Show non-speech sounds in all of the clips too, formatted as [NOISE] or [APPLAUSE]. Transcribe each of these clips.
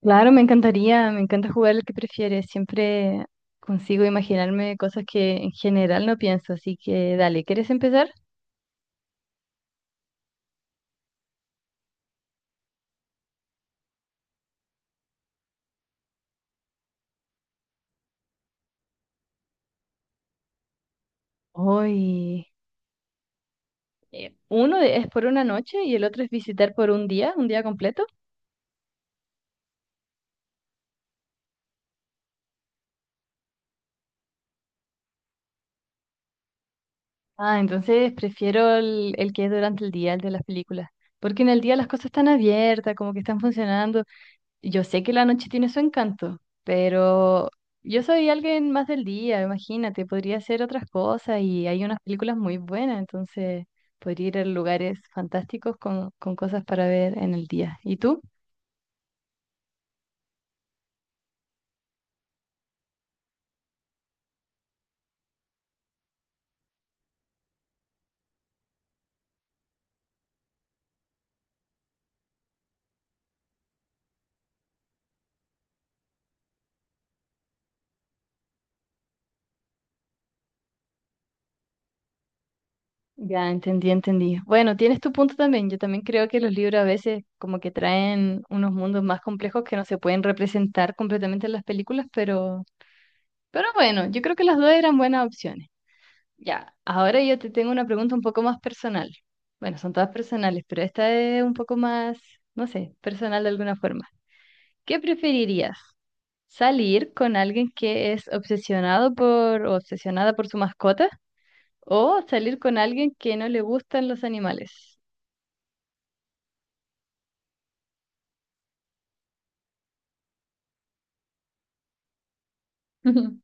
Claro, me encantaría, me encanta jugar el que prefieres. Siempre consigo imaginarme cosas que en general no pienso, así que dale, ¿quieres empezar? Hoy, es por una noche y el otro es visitar por un día completo. Ah, entonces prefiero el que es durante el día, el de las películas, porque en el día las cosas están abiertas, como que están funcionando. Yo sé que la noche tiene su encanto, pero yo soy alguien más del día, imagínate, podría hacer otras cosas y hay unas películas muy buenas, entonces podría ir a lugares fantásticos con cosas para ver en el día. ¿Y tú? Ya, entendí, entendí. Bueno, tienes tu punto también. Yo también creo que los libros a veces como que traen unos mundos más complejos que no se pueden representar completamente en las películas, pero bueno, yo creo que las dos eran buenas opciones. Ya, ahora yo te tengo una pregunta un poco más personal. Bueno, son todas personales, pero esta es un poco más, no sé, personal de alguna forma. ¿Qué preferirías? ¿Salir con alguien que es obsesionado por o obsesionada por su mascota? ¿O salir con alguien que no le gustan los animales? [LAUGHS]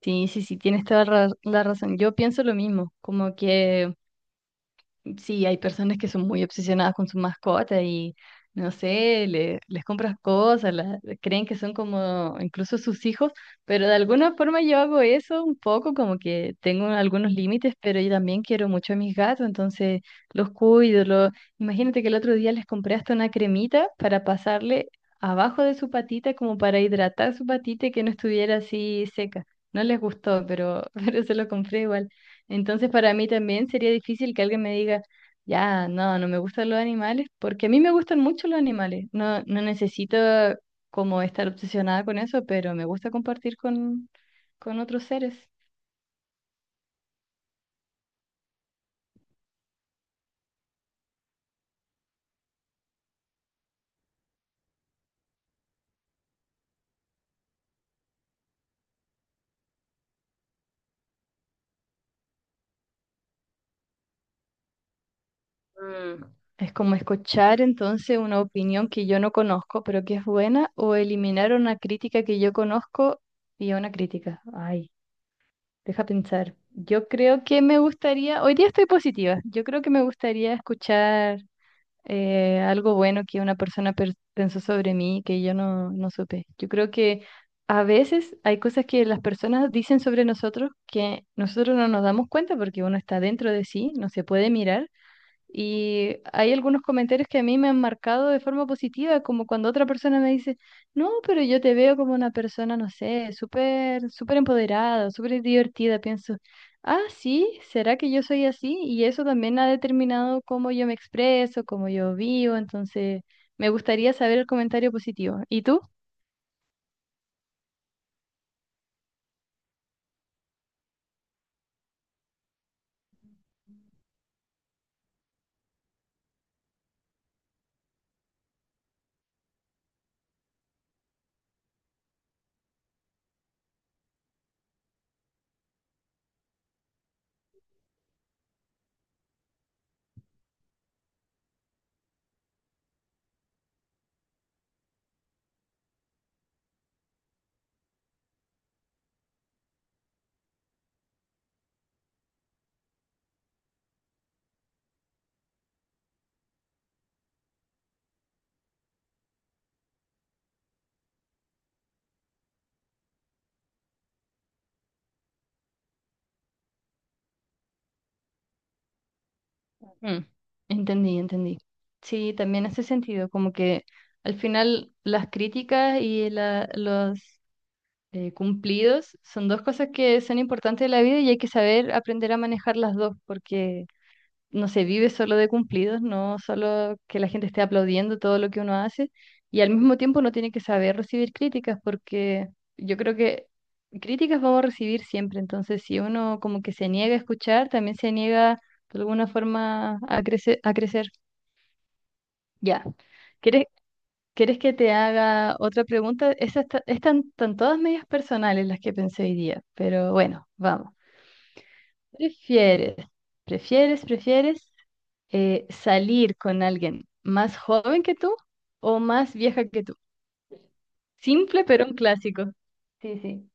Sí, sí, sí, tienes toda la razón. Yo pienso lo mismo, como que sí, hay personas que son muy obsesionadas con su mascota y, no sé, les compras cosas, creen que son como incluso sus hijos, pero de alguna forma yo hago eso un poco, como que tengo algunos límites, pero yo también quiero mucho a mis gatos, entonces los cuido. Los... imagínate que el otro día les compré hasta una cremita para pasarle abajo de su patita, como para hidratar su patita y que no estuviera así seca. No les gustó, pero, [LAUGHS] pero se lo compré igual. Entonces, para mí también sería difícil que alguien me diga, ya, no, no me gustan los animales, porque a mí me gustan mucho los animales. No, no necesito como estar obsesionada con eso, pero me gusta compartir con otros seres. Mm, es como escuchar entonces una opinión que yo no conozco, pero que es buena, o eliminar una crítica que yo conozco y una crítica. Ay, deja pensar. Yo creo que me gustaría, hoy día estoy positiva, yo creo que me gustaría escuchar algo bueno que una persona pensó sobre mí que yo no, no supe. Yo creo que a veces hay cosas que las personas dicen sobre nosotros que nosotros no nos damos cuenta porque uno está dentro de sí, no se puede mirar, y hay algunos comentarios que a mí me han marcado de forma positiva, como cuando otra persona me dice, no, pero yo te veo como una persona, no sé, súper, súper empoderada, súper divertida. Pienso, ah, sí, ¿será que yo soy así? Y eso también ha determinado cómo yo me expreso, cómo yo vivo. Entonces, me gustaría saber el comentario positivo. ¿Y tú? Mm, entendí, entendí. Sí, también hace sentido, como que al final las críticas y la, los cumplidos son dos cosas que son importantes de la vida y hay que saber aprender a manejar las dos, porque no se vive solo de cumplidos, no solo que la gente esté aplaudiendo todo lo que uno hace, y al mismo tiempo uno tiene que saber recibir críticas, porque yo creo que críticas vamos a recibir siempre, entonces si uno como que se niega a escuchar, también se niega de alguna forma a crecer, a crecer. Ya. ¿Quieres, ¿Quieres que te haga otra pregunta? Esas están, están todas medias personales las que pensé hoy día, pero bueno, vamos. ¿Prefieres, ¿Prefieres salir con alguien más joven que tú o más vieja que tú? Simple, pero un clásico. Sí, sí.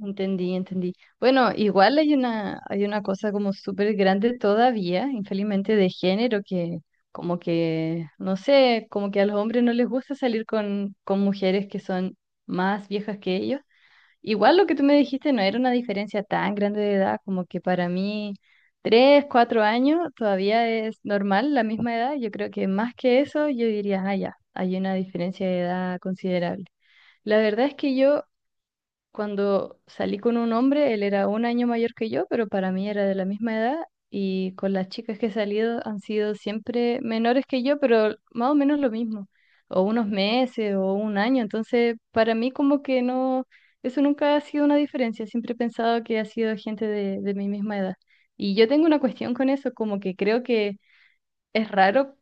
Entendí, entendí. Bueno, igual hay una cosa como súper grande todavía, infelizmente, de género que como que, no sé, como que a los hombres no les gusta salir con mujeres que son más viejas que ellos. Igual lo que tú me dijiste no era una diferencia tan grande de edad, como que para mí tres, cuatro años todavía es normal la misma edad. Yo creo que más que eso, yo diría, ah, ya, hay una diferencia de edad considerable. La verdad es que yo cuando salí con un hombre, él era un año mayor que yo, pero para mí era de la misma edad. Y con las chicas que he salido han sido siempre menores que yo, pero más o menos lo mismo. O unos meses o un año. Entonces, para mí como que no, eso nunca ha sido una diferencia. Siempre he pensado que ha sido gente de mi misma edad. Y yo tengo una cuestión con eso, como que creo que es raro,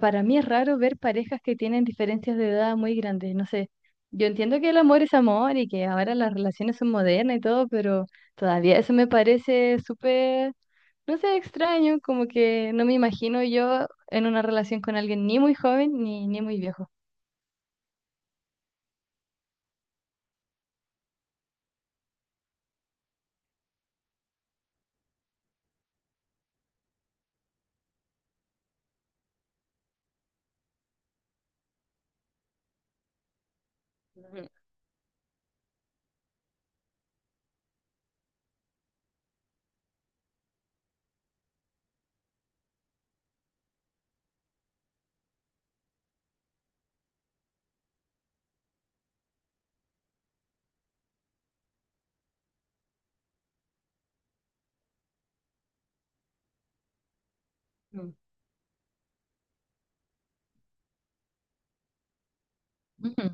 para mí es raro ver parejas que tienen diferencias de edad muy grandes. No sé, yo entiendo que el amor es amor y que ahora las relaciones son modernas y todo, pero todavía eso me parece súper, no sé, extraño, como que no me imagino yo en una relación con alguien ni muy joven ni, ni muy viejo. Ujú. Ujú.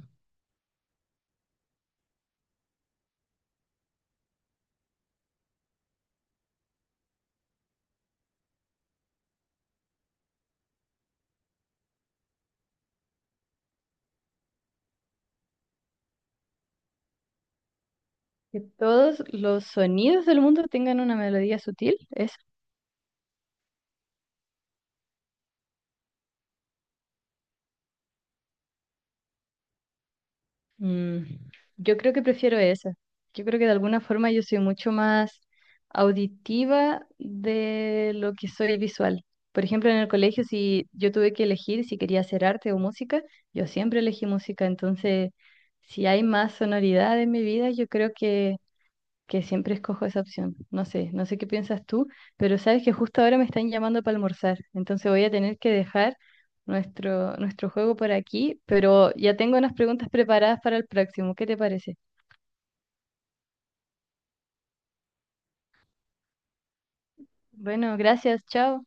Que todos los sonidos del mundo tengan una melodía sutil, es... mm, yo creo que prefiero esa. Yo creo que de alguna forma yo soy mucho más auditiva de lo que soy visual. Por ejemplo, en el colegio, si yo tuve que elegir si quería hacer arte o música, yo siempre elegí música. Entonces, si hay más sonoridad en mi vida, yo creo que siempre escojo esa opción. No sé, no sé qué piensas tú, pero sabes que justo ahora me están llamando para almorzar, entonces voy a tener que dejar nuestro juego por aquí, pero ya tengo unas preguntas preparadas para el próximo. ¿Qué te parece? Bueno, gracias, chao.